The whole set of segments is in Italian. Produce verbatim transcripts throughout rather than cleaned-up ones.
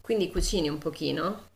Quindi cucini un pochino?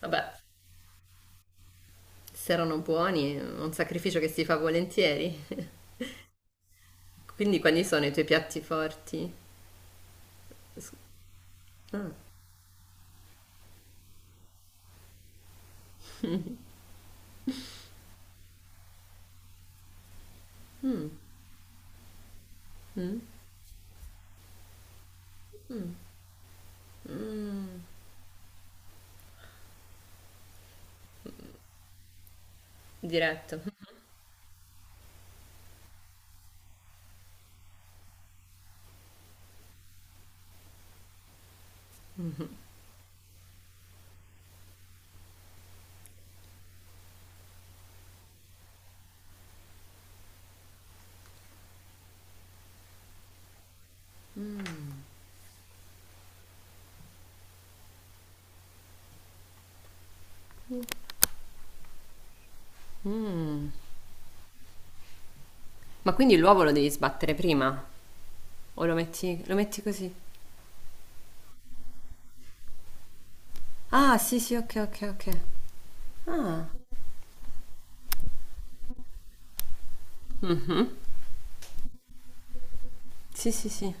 Vabbè, se erano buoni, è un sacrificio che si fa volentieri. Quindi quali sono i tuoi piatti forti? S- ah, mm? Diretto. Mm. Ma quindi l'uovo lo devi sbattere prima? O lo metti, lo metti così? Ah, sì, sì, ok, ok, ok. Ah, mhm. Sì, sì, sì.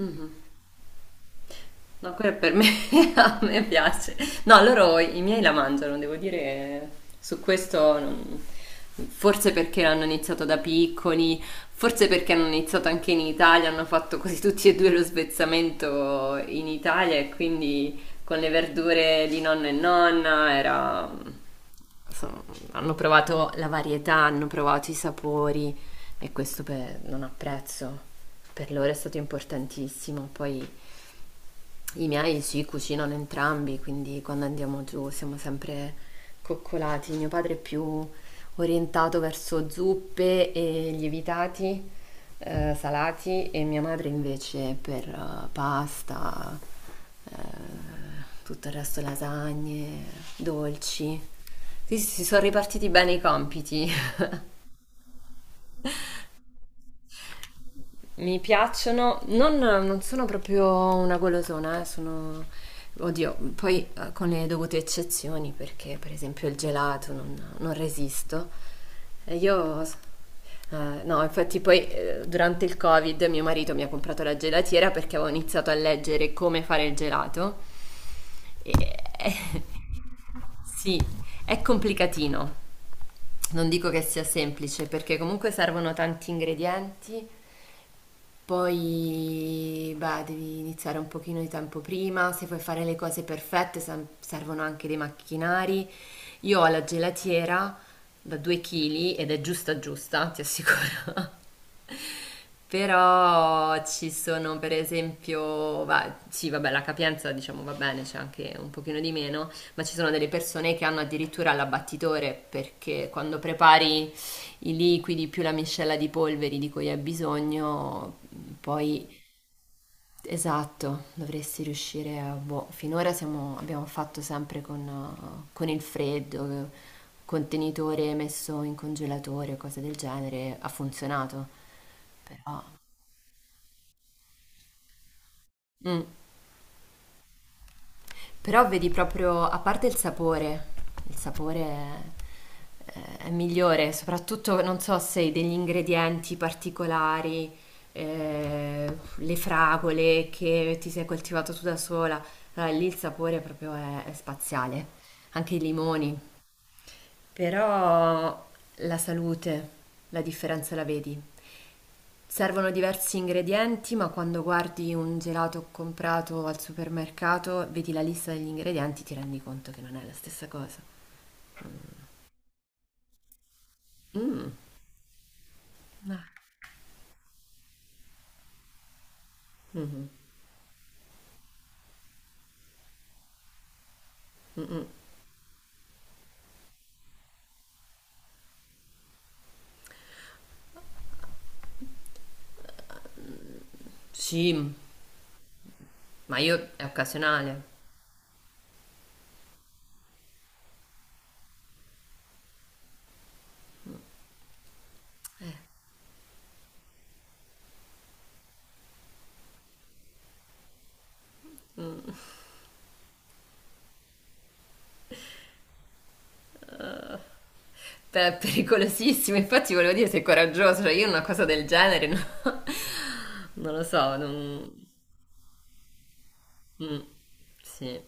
Mm. No, quello è per me, a me piace. No, loro, i miei la mangiano, devo dire, eh, su questo non- forse perché l'hanno iniziato da piccoli, forse perché hanno iniziato anche in Italia, hanno fatto così tutti e due lo svezzamento in Italia e quindi con le verdure di nonno e nonna era... insomma, hanno provato la varietà, hanno provato i sapori e questo per- non ha prezzo. Per loro è stato importantissimo, poi... I miei si cucinano entrambi, quindi quando andiamo giù siamo sempre coccolati. Mio padre è più orientato verso zuppe e lievitati, eh, salati, e mia madre invece per eh, pasta, eh, tutto il resto lasagne, dolci. Sì, sì, si sono ripartiti bene i compiti. Mi piacciono, non, non sono proprio una golosona, eh, sono... Oddio, poi eh, con le dovute eccezioni, perché per esempio il gelato non, non resisto. E io... eh, no, infatti poi eh, durante il Covid mio marito mi ha comprato la gelatiera perché avevo iniziato a leggere come fare il gelato. E... sì, è complicatino. Non dico che sia semplice perché comunque servono tanti ingredienti poi, beh, devi iniziare un pochino di tempo prima, se vuoi fare le cose perfette sem- servono anche dei macchinari. Io ho la gelatiera da due chili ed è giusta giusta, ti assicuro. Però ci sono per esempio, va- sì vabbè la capienza diciamo va bene, c'è anche un pochino di meno, ma ci sono delle persone che hanno addirittura l'abbattitore perché quando prepari i liquidi più la miscela di polveri di cui hai bisogno, poi esatto, dovresti riuscire a... Boh, finora siamo- abbiamo fatto sempre con, eh, con il freddo, eh, contenitore messo in congelatore o cose del genere, ha funzionato, però... Mm. Però vedi proprio, a parte il sapore, il sapore è, è migliore, soprattutto non so se degli ingredienti particolari, eh, le fragole che ti sei coltivato tu da sola, allora, lì il sapore proprio è, è spaziale. Anche i limoni, però la salute, la differenza la vedi. Servono diversi ingredienti, ma quando guardi un gelato comprato al supermercato, vedi la lista degli ingredienti, ti rendi conto che non è la stessa cosa. Mm. Ah. Mhm. Sì, ma io è occasionale. Te è pericolosissimo, infatti volevo dire sei coraggioso, cioè io una cosa del genere, no? Non lo so, non... mm, sì.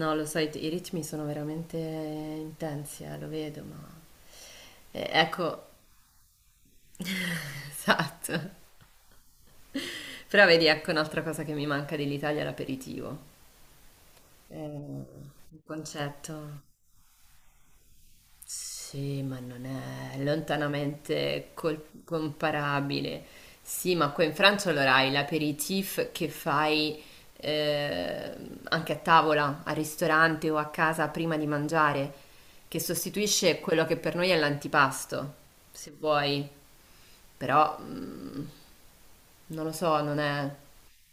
No, lo sai, i ritmi sono veramente intensi, eh, lo vedo, ma... eh, ecco, esatto. Però vedi, ecco un'altra cosa che mi manca dell'Italia, è l'aperitivo. Eh, il concetto. Sì, ma non è lontanamente col- comparabile. Sì, ma qua in Francia allora hai l'aperitif che fai eh, anche a tavola, al ristorante o a casa prima di mangiare, che sostituisce quello che per noi è l'antipasto, se vuoi. Però, mm, non lo so, non è...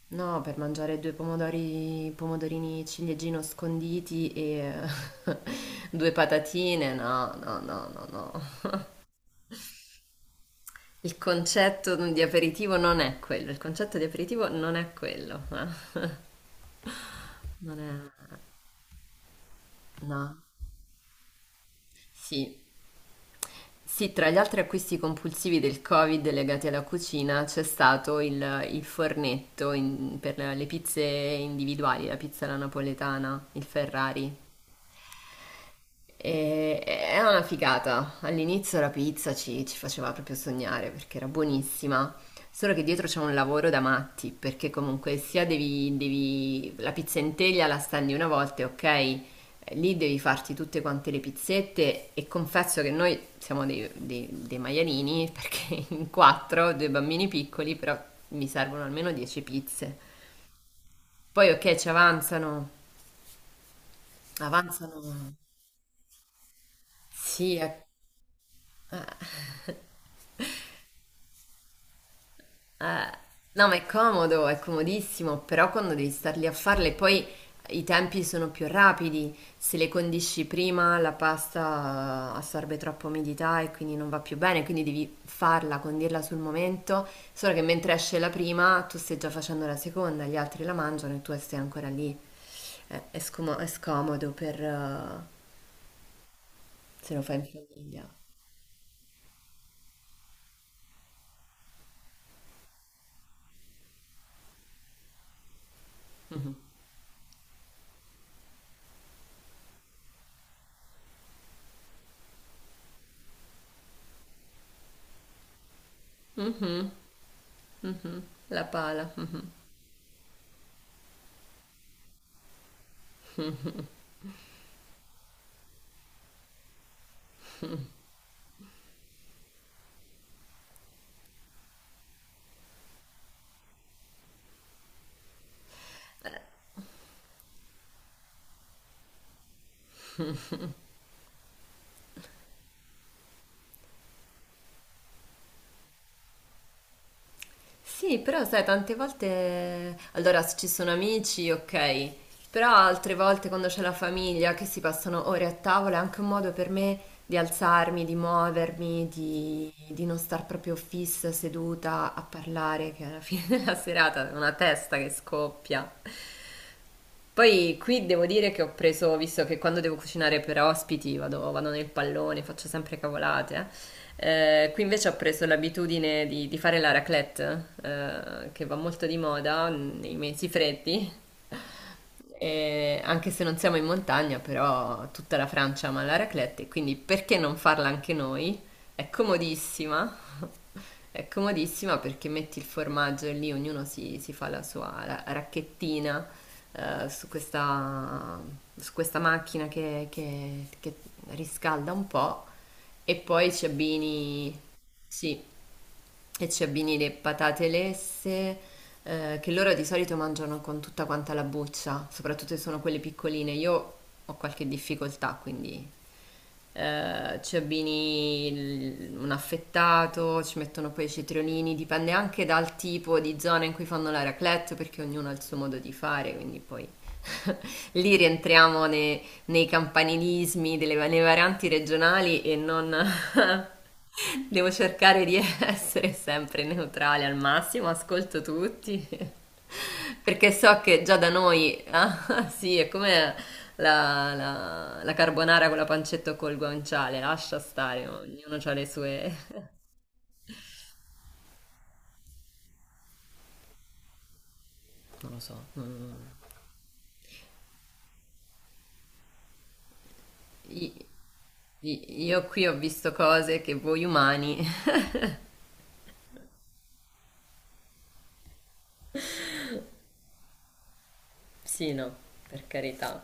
No, per mangiare due pomodori, pomodorini ciliegino sconditi e due patatine, no, no, no, no, no. Il concetto di aperitivo non è quello, il concetto di aperitivo non è quello, eh. Non è... No. Sì. Sì, tra gli altri acquisti compulsivi del Covid legati alla cucina c'è stato il, il fornetto in- per le pizze individuali, la pizza alla napoletana, il Ferrari. E era una figata. All'inizio la pizza ci, ci faceva proprio sognare perché era buonissima. Solo che dietro c'è un lavoro da matti, perché comunque sia devi, devi- la pizza in teglia la stendi una volta, e ok? Eh, lì devi farti tutte quante le pizzette e confesso che noi siamo dei, dei- dei maialini perché in quattro, due bambini piccoli, però mi servono almeno dieci pizze. Poi ok, ci avanzano, avanzano. Sì, è- eh. Eh, no, ma è comodo, è comodissimo, però quando devi star lì a farle, poi i tempi sono più rapidi. Se le condisci prima, la pasta assorbe troppa umidità e quindi non va più bene, quindi devi farla, condirla sul momento. Solo che mentre esce la prima, tu stai già facendo la seconda, gli altri la mangiano e tu stai ancora lì. Eh, È, scomo- è scomodo per, eh, se lo fai in famiglia. Mhm, la pala. Sì, però sai, tante volte, allora se ci sono amici, ok, però altre volte quando c'è la famiglia che si passano ore a tavola è anche un modo per me di alzarmi, di muovermi, di, di non star proprio fissa, seduta a parlare, che alla fine della serata è una testa che scoppia. Poi qui devo dire che ho preso, visto che quando devo cucinare per ospiti vado, vado nel pallone, faccio sempre cavolate. eh, Eh, qui invece ho preso l'abitudine di, di fare la raclette, eh, che va molto di moda nei mesi freddi, e anche se non siamo in montagna, però tutta la Francia ama la raclette, quindi perché non farla anche noi? È comodissima, è comodissima perché metti il formaggio e lì ognuno si, si fa la sua ra- racchettina eh, su questa, su questa macchina che, che- che riscalda un po' e poi ci abbini, sì, e ci abbini le patate lesse, eh, che loro di solito mangiano con tutta quanta la buccia, soprattutto se sono quelle piccoline. Io ho qualche difficoltà, quindi eh, ci abbini il- un affettato, ci mettono poi i cetriolini, dipende anche dal tipo di zona in cui fanno la raclette, perché ognuno ha il suo modo di fare, quindi poi lì rientriamo ne- nei campanilismi, delle, va- nei varianti regionali e non devo cercare di essere sempre neutrale al massimo, ascolto tutti, perché so che già da noi, ah, sì, è come la, la- la carbonara con la pancetta o col guanciale, lascia stare, ognuno ha le sue... Non lo so. Non- i- i- io qui ho visto cose che voi umani... Sì, no, per carità.